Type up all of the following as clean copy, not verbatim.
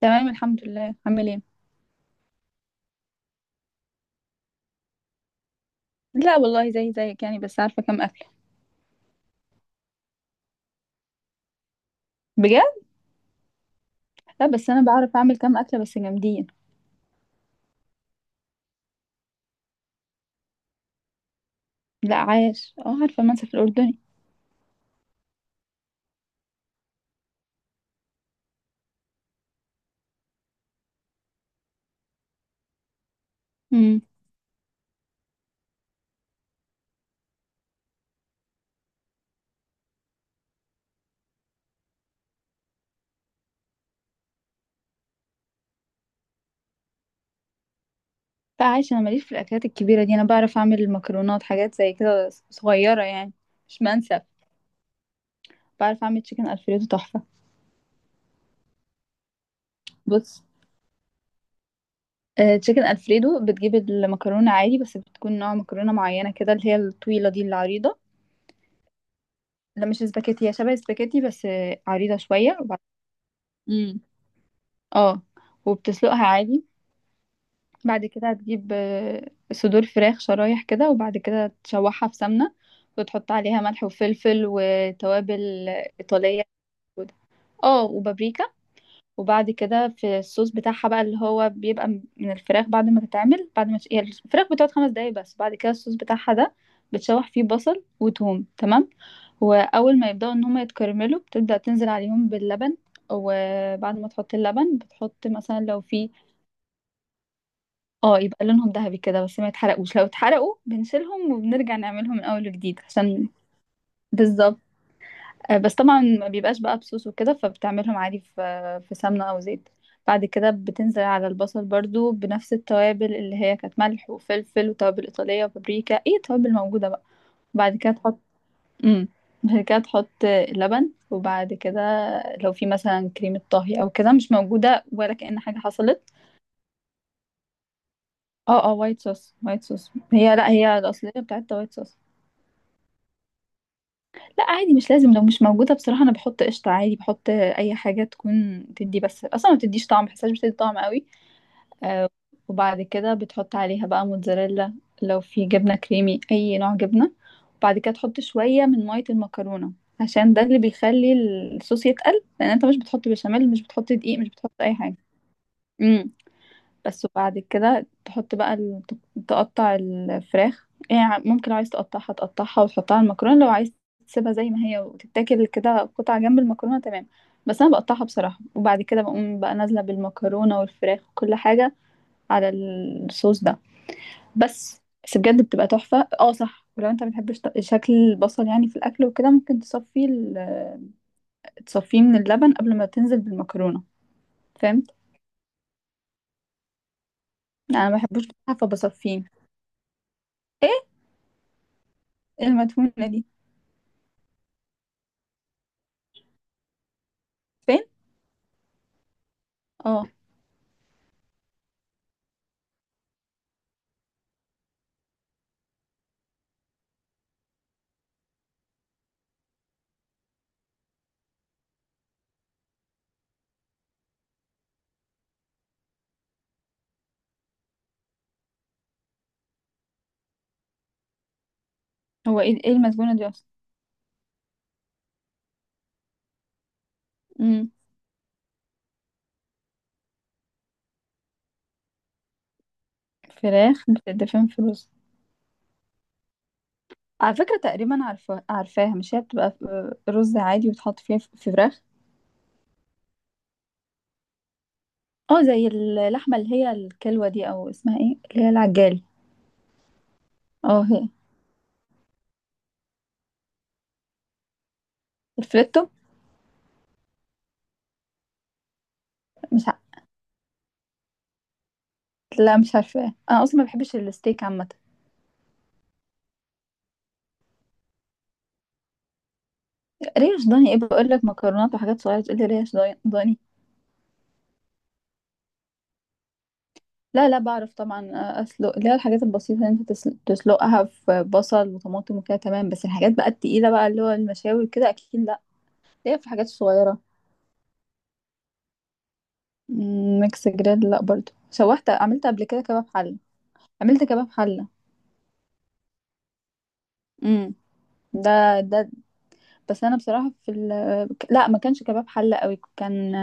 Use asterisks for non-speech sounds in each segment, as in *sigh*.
تمام الحمد لله. عامل ايه؟ لا والله زي زيك يعني، بس عارفه كام اكله. بجد. لا بس انا بعرف اعمل كام اكله بس جامدين. لا عايش، اه عارفه المنسف الاردني. امم. لا عايش، انا ماليش في الاكلات الكبيره دي، انا بعرف اعمل المكرونات، حاجات زي كده صغيره يعني، مش منسف. بعرف اعمل تشيكن الفريدو تحفه. بص، آه تشيكن الفريدو بتجيب المكرونه عادي، بس بتكون نوع مكرونه معينه كده، اللي هي الطويله دي العريضه. لا مش سباكيتي، هي شبه السباكيتي بس عريضه شويه امم. اه. وبتسلقها عادي. بعد كده هتجيب صدور فراخ شرايح كده، وبعد كده تشوحها في سمنة وتحط عليها ملح وفلفل وتوابل إيطالية موجودة. اه، وبابريكا. وبعد كده في الصوص بتاعها بقى، اللي هو بيبقى من الفراخ بعد ما تتعمل، بعد ما هي الفراخ بتقعد 5 دقايق بس، بعد كده الصوص بتاعها ده بتشوح فيه بصل وتوم، تمام. وأول ما يبدأوا إن هما يتكرملوا بتبدأ تنزل عليهم باللبن، وبعد ما تحط اللبن بتحط مثلا لو في. اه، يبقى لونهم ذهبي كده بس ما يتحرقوش، لو اتحرقوا بنشيلهم وبنرجع نعملهم من اول وجديد عشان. بالظبط. بس طبعا ما بيبقاش بقى بصوص وكده، فبتعملهم عادي في في سمنه او زيت. بعد كده بتنزل على البصل برضو بنفس التوابل اللي هي كانت ملح وفلفل وتوابل ايطاليه وبابريكا، ايه توابل موجوده بقى. بعد كده تحط، امم، بعد كده تحط لبن، وبعد كده لو في مثلا كريمة طهي او كده مش موجودة، ولا كأن حاجة حصلت. اه اه، وايت صوص وايت صوص، هي لا، هي الأصلية بتاعتها وايت صوص. لا عادي مش لازم، لو مش موجودة بصراحة أنا بحط قشطة عادي، بحط أي حاجة تكون تدي، بس أصلا ما بتديش طعم، بحسهاش بتدي طعم قوي. آه. وبعد كده بتحط عليها بقى موتزاريلا، لو في جبنة كريمي أي نوع جبنة. وبعد كده تحط شوية من مية المكرونة، عشان ده اللي بيخلي الصوص يتقل، لأن أنت مش بتحط بشاميل، مش بتحط دقيق، مش بتحط أي حاجة. مم. بس. وبعد كده تحط بقى تقطع الفراخ يعني، ممكن لو عايز تقطعها تقطعها وتحطها على المكرونة، لو عايز تسيبها زي ما هي وتتاكل كده قطعة جنب المكرونة، تمام. بس أنا بقطعها بصراحة، وبعد كده بقوم بقى نازلة بالمكرونة والفراخ وكل حاجة على الصوص ده. بس بجد بتبقى تحفة. اه صح، ولو انت مبتحبش شكل البصل يعني في الأكل وكده، ممكن تصفيه تصفيه من اللبن قبل ما تنزل بالمكرونة. فهمت؟ أنا مبحبوش بصراحة فبصفيه. ايه؟ المدفونة دي؟ فين؟ اه. هو ايه، ايه المسجونة دي اصلا؟ امم. فراخ بتدفن في رز؟ على فكرة تقريبا عارفة، عارفاها، مش هي بتبقى رز عادي وتحط فيها في فراخ. اه زي اللحمة اللي هي الكلوة دي، او اسمها ايه اللي هي العجال. اه هي. الفريتو. مش ع... لا مش عارفاه انا، اصلا ما بحبش الستيك عامة. ريش ضاني؟ ايه بقول لك مكرونات وحاجات صغيرة تقول لي ريش ضاني ضاني. لا لا بعرف طبعا، اسلق اللي هي الحاجات البسيطة اللي انت تسلقها في بصل وطماطم وكده، تمام. بس الحاجات بقى التقيلة بقى، اللي هو المشاوي كده، اكيد لا. ليه، في حاجات صغيرة. ميكس جريل، لا برضو شوحت، عملت قبل كده كباب حلة. عملت كباب حلة. امم. ده ده بس انا بصراحة في لا ما كانش كباب حلة قوي، كان،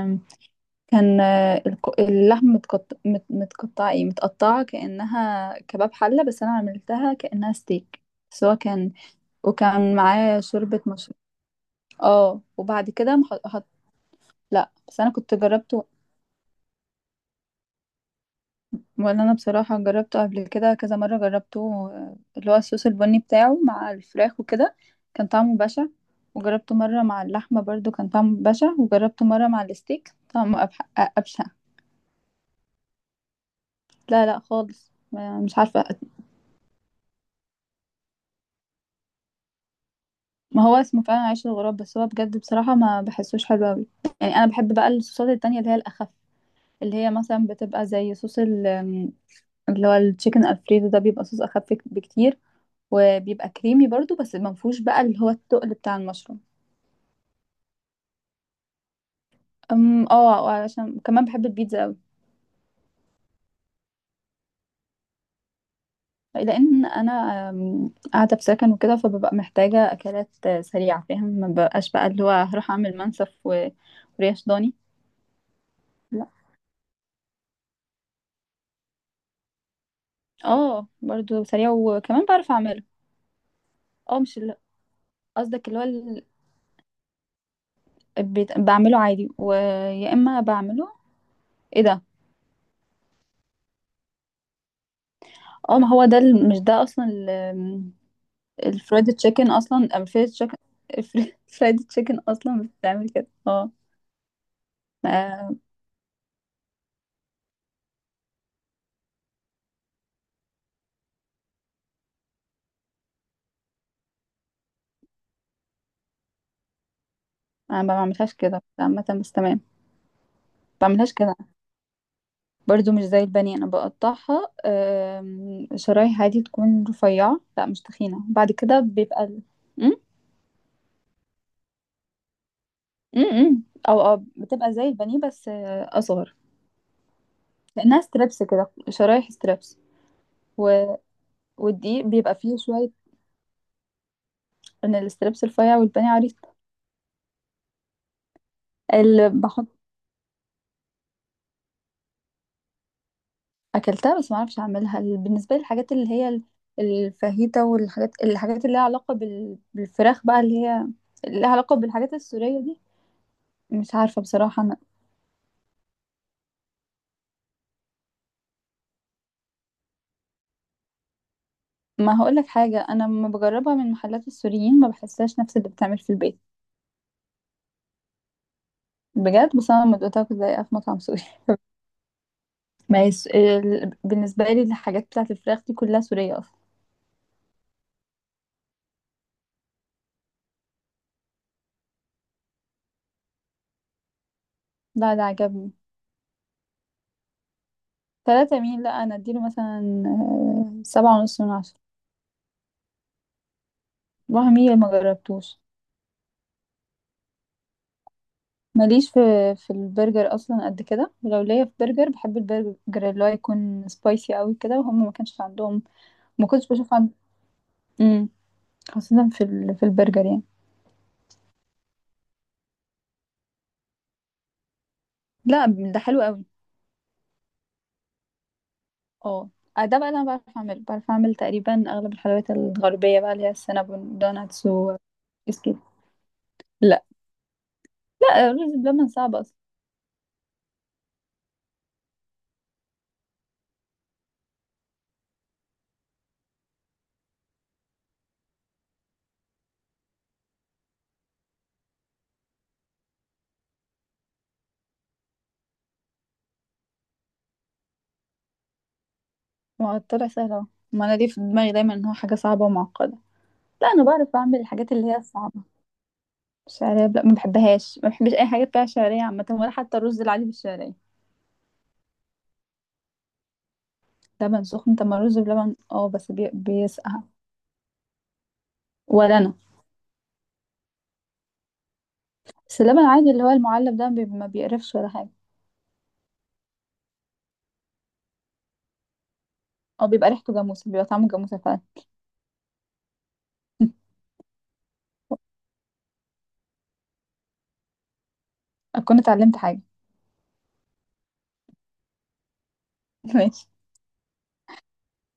كان، اللحم متقطع، متقطع، ايه متقطعة كأنها كباب حلة، بس انا عملتها كأنها ستيك. بس هو كان، وكان معاه شوربة مشروب. اه، وبعد كده حط. لا بس انا كنت جربته. وانا بصراحه جربته قبل كده كذا مره جربته، اللي هو الصوص البني بتاعه مع الفراخ وكده، كان طعمه بشع. وجربته مره مع اللحمه برضو كان طعمه بشع، وجربته مره مع الستيك طعمه ابشع. لا لا خالص، مش عارفه. ما هو اسمه فعلا عيش الغراب، بس هو بجد بصراحه ما بحسوش حلو قوي، يعني انا بحب بقى الصوصات التانية اللي هي الاخف، اللي هي مثلا بتبقى زي اللي هو التشيكن الفريدو ده بيبقى صوص اخف بكتير، وبيبقى كريمي برضو بس ما فيهوش بقى اللي هو التقل بتاع المشروم. اه علشان كمان بحب البيتزا قوي. لان انا قاعده في سكن وكده، فببقى محتاجه اكلات سريعه فاهم، ما بقاش بقى اللي هو هروح اعمل منسف وريش ضاني. لا. اه برضو سريع، وكمان بعرف اعمله. اه مش ال- قصدك اللي هو بعمله عادي ويا اما بعمله. ايه ده؟ اه ما هو ده مش ده اصلا الفرايد تشيكن، اصلا الفرايد تشيكن، الفرايد تشيكن *laughs* اصلا بتتعمل كده اه. ما- انا ما بعملهاش كده عامه، بس تمام. بعملهاش كده برضو مش زي البانيه، انا بقطعها شرايح عادي تكون رفيعة، لا مش تخينة، بعد كده بيبقى م؟ م- م. او او بتبقى زي البانيه بس اصغر، لانها ستريبس كده، شرايح ستريبس و... والدقيق بيبقى فيه شوية. من الستريبس رفيع والبانيه عريض. اللي بحط. اكلتها بس ما اعرفش اعملها، بالنسبة للحاجات اللي هي الفاهيتا والحاجات، اللي لها علاقة بالفراخ بقى اللي هي، اللي لها علاقة بالحاجات السورية دي، مش عارفة بصراحة. ما هقولك حاجة، أنا لما بجربها من محلات السوريين ما بحسهاش نفس اللي بتعمل في البيت. بجد، بس أنا لما دقتها كنت زيها في مطعم سوري. *laughs* ما يس... ال... بالنسبة لي الحاجات بتاعة الفراخ دي كلها سورية أصلا. لا لا، عجبني. تلاتة مين؟ لا أنا أديله مثلا 7.5 من 10. وهمية ما جربتوش. ماليش في، في البرجر أصلا قد كده، ولو ليا في برجر بحب البرجر اللي هو يكون سبايسي قوي كده، وهم ما كانش عندهم. ما كنتش بشوف عند. مم. خاصة في في البرجر يعني. لا، ده حلو قوي. اه. ده بقى اللي انا بعرف اعمله، بعرف اعمل تقريبا اغلب الحلويات الغربيه بقى، اللي هي السينابون، دوناتس، و كيك لا لا الرز بلبن صعب اصلا. ما هو طلع سهل اهو، ما انا ليه في دماغي دايما ان هو حاجه صعبه ومعقده. لا انا بعرف اعمل الحاجات اللي هي الصعبه. الشعريه لا ما بحبهاش، ما بحبش اي حاجه فيها شعريه عامه، ولا حتى الرز العادي بالشعريه. لبن سخن؟ طب ما الرز بلبن، اه بس بيسقع. ولا انا. بس اللبن العادي اللي هو المعلب ده ما بيقرفش ولا حاجه. او بيبقى ريحته جاموسه، بيبقى طعمه جاموسه فعلا. *laughs* اكون اتعلمت حاجه. *laughs* ماشي.